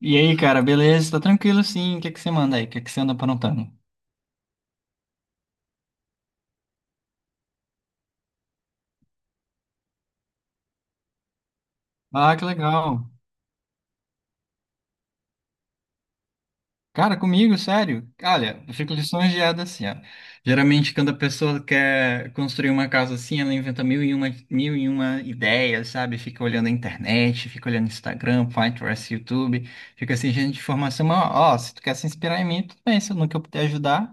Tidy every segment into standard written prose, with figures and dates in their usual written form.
E aí, cara, beleza? Tá tranquilo sim. O que que você manda aí? O que que você anda aprontando? Ah, que legal. Cara, comigo, sério? Olha, eu fico lisonjeado assim, ó. Geralmente, quando a pessoa quer construir uma casa assim, ela inventa mil e uma ideias, sabe? Fica olhando a internet, fica olhando Instagram, Pinterest, YouTube. Fica assim, gente de informação. Mas, ó, se tu quer se inspirar em mim, tudo bem, se no que eu puder ajudar.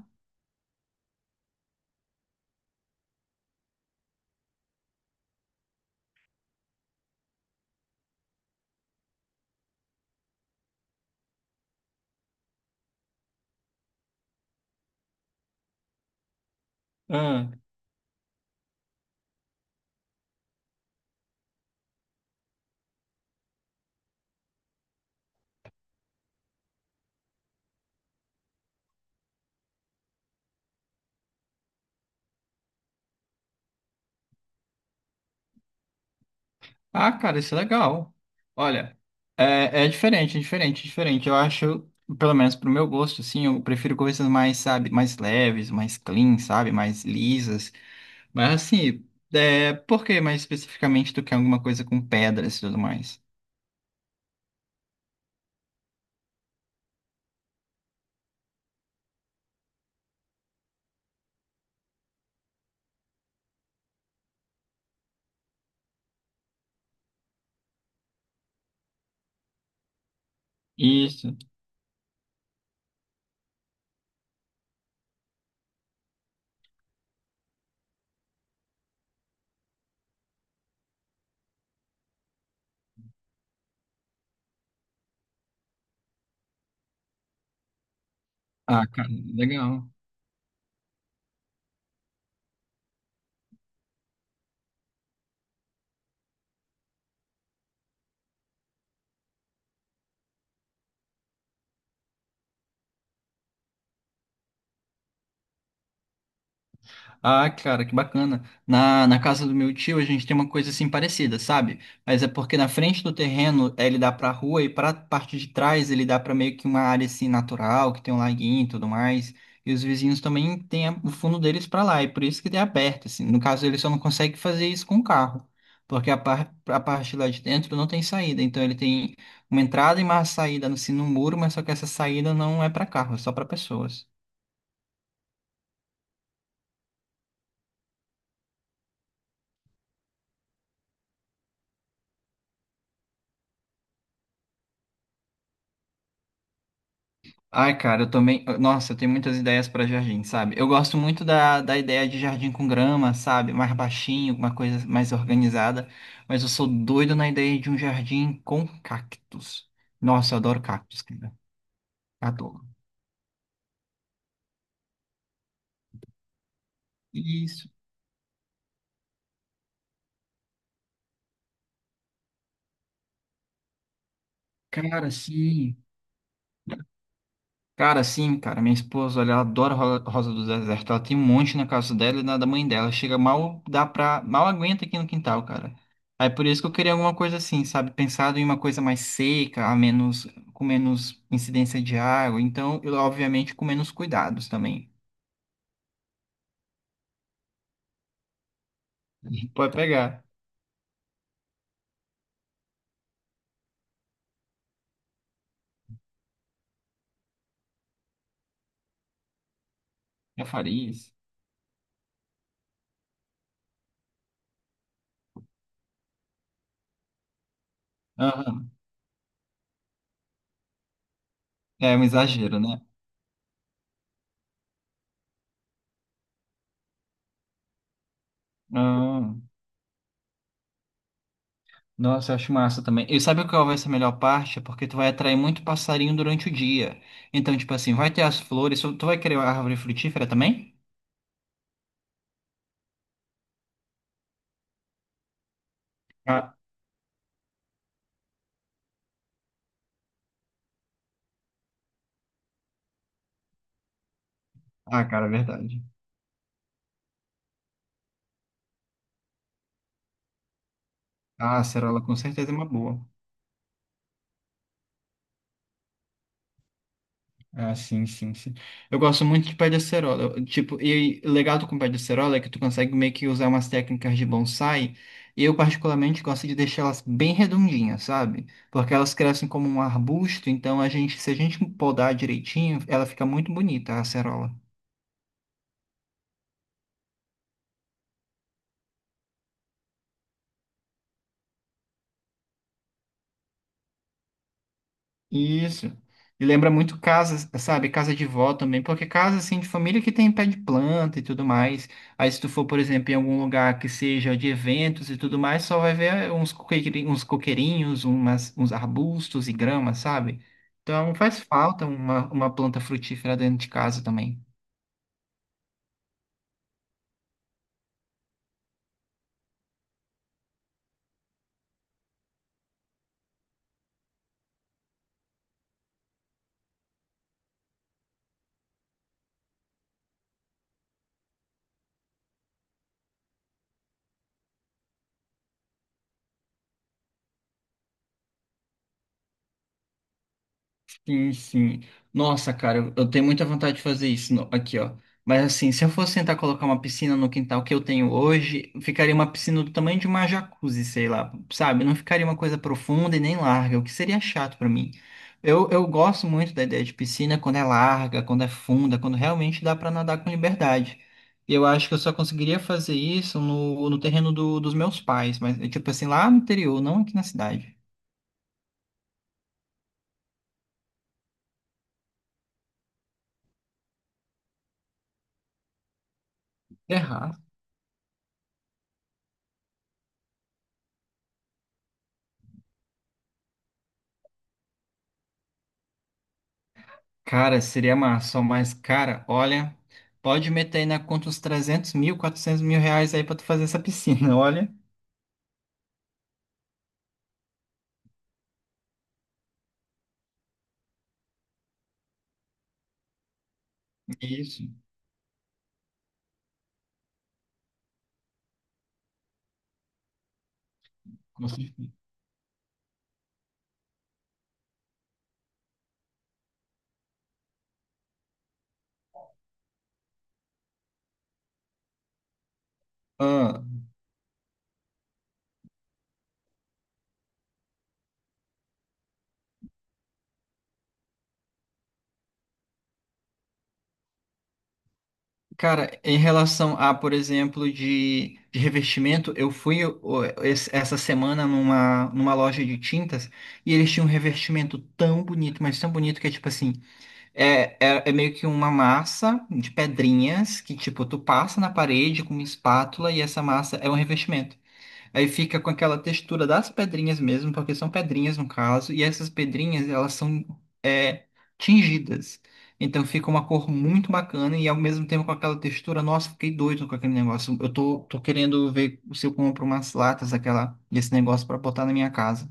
Ah, cara, isso é legal. Olha, é diferente, é diferente, é diferente. Eu acho, pelo menos pro meu gosto, assim, eu prefiro coisas mais, sabe, mais leves, mais clean, sabe, mais lisas. Mas assim, por que mais especificamente tu quer alguma coisa com pedras e tudo mais? Isso. Ah, cara, legal. Ah, cara, que bacana. Na casa do meu tio a gente tem uma coisa assim parecida, sabe? Mas é porque na frente do terreno ele dá pra rua e pra parte de trás ele dá pra meio que uma área assim natural, que tem um laguinho e tudo mais. E os vizinhos também têm o fundo deles pra lá, e por isso que tem aberto, assim. No caso, ele só não consegue fazer isso com o carro, porque a parte lá de dentro não tem saída. Então ele tem uma entrada e uma saída assim no muro, mas só que essa saída não é pra carro, é só pra pessoas. Ai, cara, eu também. Nossa, eu tenho muitas ideias para jardim, sabe? Eu gosto muito da ideia de jardim com grama, sabe? Mais baixinho, uma coisa mais organizada. Mas eu sou doido na ideia de um jardim com cactos. Nossa, eu adoro cactos, cara. Adoro. Isso, cara, sim. Cara, sim, cara, minha esposa, olha, ela adora Rosa do Deserto. Ela tem um monte na casa dela e na da mãe dela. Chega mal, mal aguenta aqui no quintal, cara. Aí por isso que eu queria alguma coisa assim, sabe? Pensado em uma coisa mais seca, com menos incidência de água. Então, eu, obviamente, com menos cuidados também. Pode pegar. É farinha. Aham. É um exagero, né? Nossa, eu acho massa também. E sabe qual vai ser a melhor parte? É porque tu vai atrair muito passarinho durante o dia. Então, tipo assim, vai ter as flores. Tu vai querer a árvore frutífera também? Ah, ah, cara, é verdade. Ah, a acerola com certeza é uma boa. Ah, sim, sim, sim. Eu gosto muito de pé de acerola. Tipo, e o legal do com pé de acerola é que tu consegue meio que usar umas técnicas de bonsai. E eu, particularmente, gosto de deixar elas bem redondinhas, sabe? Porque elas crescem como um arbusto, então a gente, se a gente podar direitinho, ela fica muito bonita, a acerola. Isso. E lembra muito casa, sabe? Casa de vó também, porque casa assim de família que tem pé de planta e tudo mais. Aí se tu for, por exemplo, em algum lugar que seja de eventos e tudo mais, só vai ver uns coqueirinhos, umas, uns arbustos e grama, sabe? Então faz falta uma planta frutífera dentro de casa também. Sim, sim. Nossa, cara, eu tenho muita vontade de fazer isso aqui, ó. Mas assim, se eu fosse tentar colocar uma piscina no quintal que eu tenho hoje, ficaria uma piscina do tamanho de uma jacuzzi, sei lá, sabe? Não ficaria uma coisa profunda e nem larga, o que seria chato pra mim. Eu gosto muito da ideia de piscina quando é larga, quando é funda, quando realmente dá pra nadar com liberdade. E eu acho que eu só conseguiria fazer isso no terreno dos meus pais, mas tipo assim, lá no interior, não aqui na cidade. Errar. Cara, seria massa, mas, cara, olha, pode meter aí na conta uns 300.000, R$ 400.000 aí pra tu fazer essa piscina, olha. Isso, com certeza. Ah, cara, em relação a, por exemplo, de revestimento, eu fui ô, essa semana numa loja de tintas e eles tinham um revestimento tão bonito, mas tão bonito que é tipo assim, é meio que uma massa de pedrinhas que, tipo, tu passa na parede com uma espátula e essa massa é um revestimento. Aí fica com aquela textura das pedrinhas mesmo, porque são pedrinhas no caso, e essas pedrinhas elas são é, tingidas. Então fica uma cor muito bacana e ao mesmo tempo com aquela textura, nossa, fiquei doido com aquele negócio. Eu tô querendo ver se eu compro umas latas daquela, desse negócio para botar na minha casa.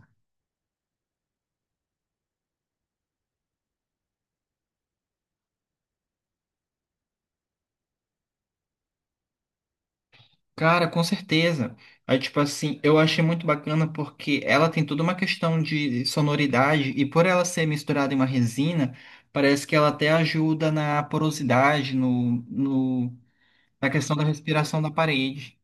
Cara, com certeza. Aí, tipo assim, eu achei muito bacana porque ela tem toda uma questão de sonoridade e por ela ser misturada em uma resina, parece que ela até ajuda na porosidade, no, no, na questão da respiração da parede.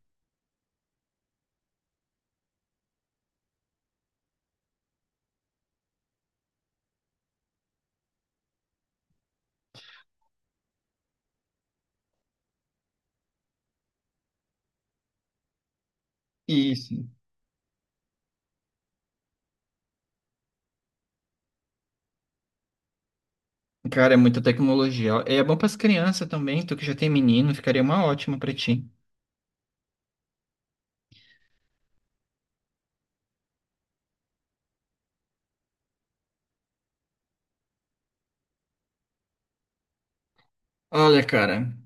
Isso. Cara, é muita tecnologia. E é bom para as crianças também, tu que já tem menino, ficaria uma ótima para ti. Olha, cara,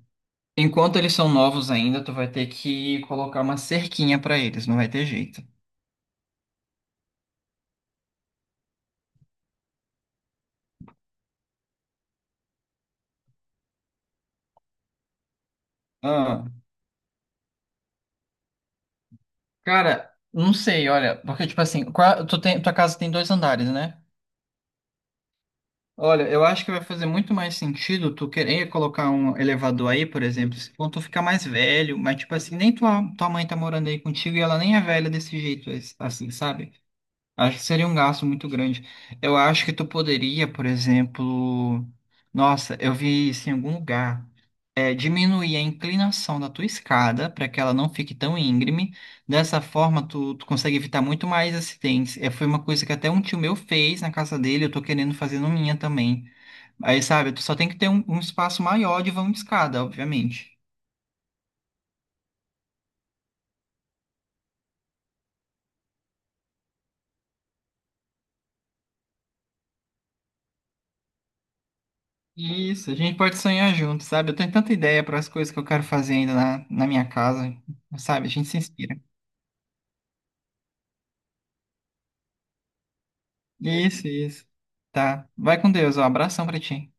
enquanto eles são novos ainda, tu vai ter que colocar uma cerquinha para eles, não vai ter jeito. Ah, cara, não sei, olha, porque tipo assim, tu tua casa tem dois andares, né? Olha, eu acho que vai fazer muito mais sentido tu querer colocar um elevador aí, por exemplo, quando tu ficar mais velho, mas tipo assim, nem tua mãe tá morando aí contigo e ela nem é velha desse jeito, assim, sabe? Acho que seria um gasto muito grande. Eu acho que tu poderia, por exemplo, nossa, eu vi isso em algum lugar, diminuir a inclinação da tua escada para que ela não fique tão íngreme. Dessa forma, tu consegue evitar muito mais acidentes. É, foi uma coisa que até um tio meu fez na casa dele, eu tô querendo fazer na minha também. Aí, sabe, tu só tem que ter um, um espaço maior de vão de escada, obviamente. Isso, a gente pode sonhar junto, sabe? Eu tenho tanta ideia para as coisas que eu quero fazer ainda na minha casa, sabe? A gente se inspira. Isso, isso. Tá. Vai com Deus, ó. Abração pra ti.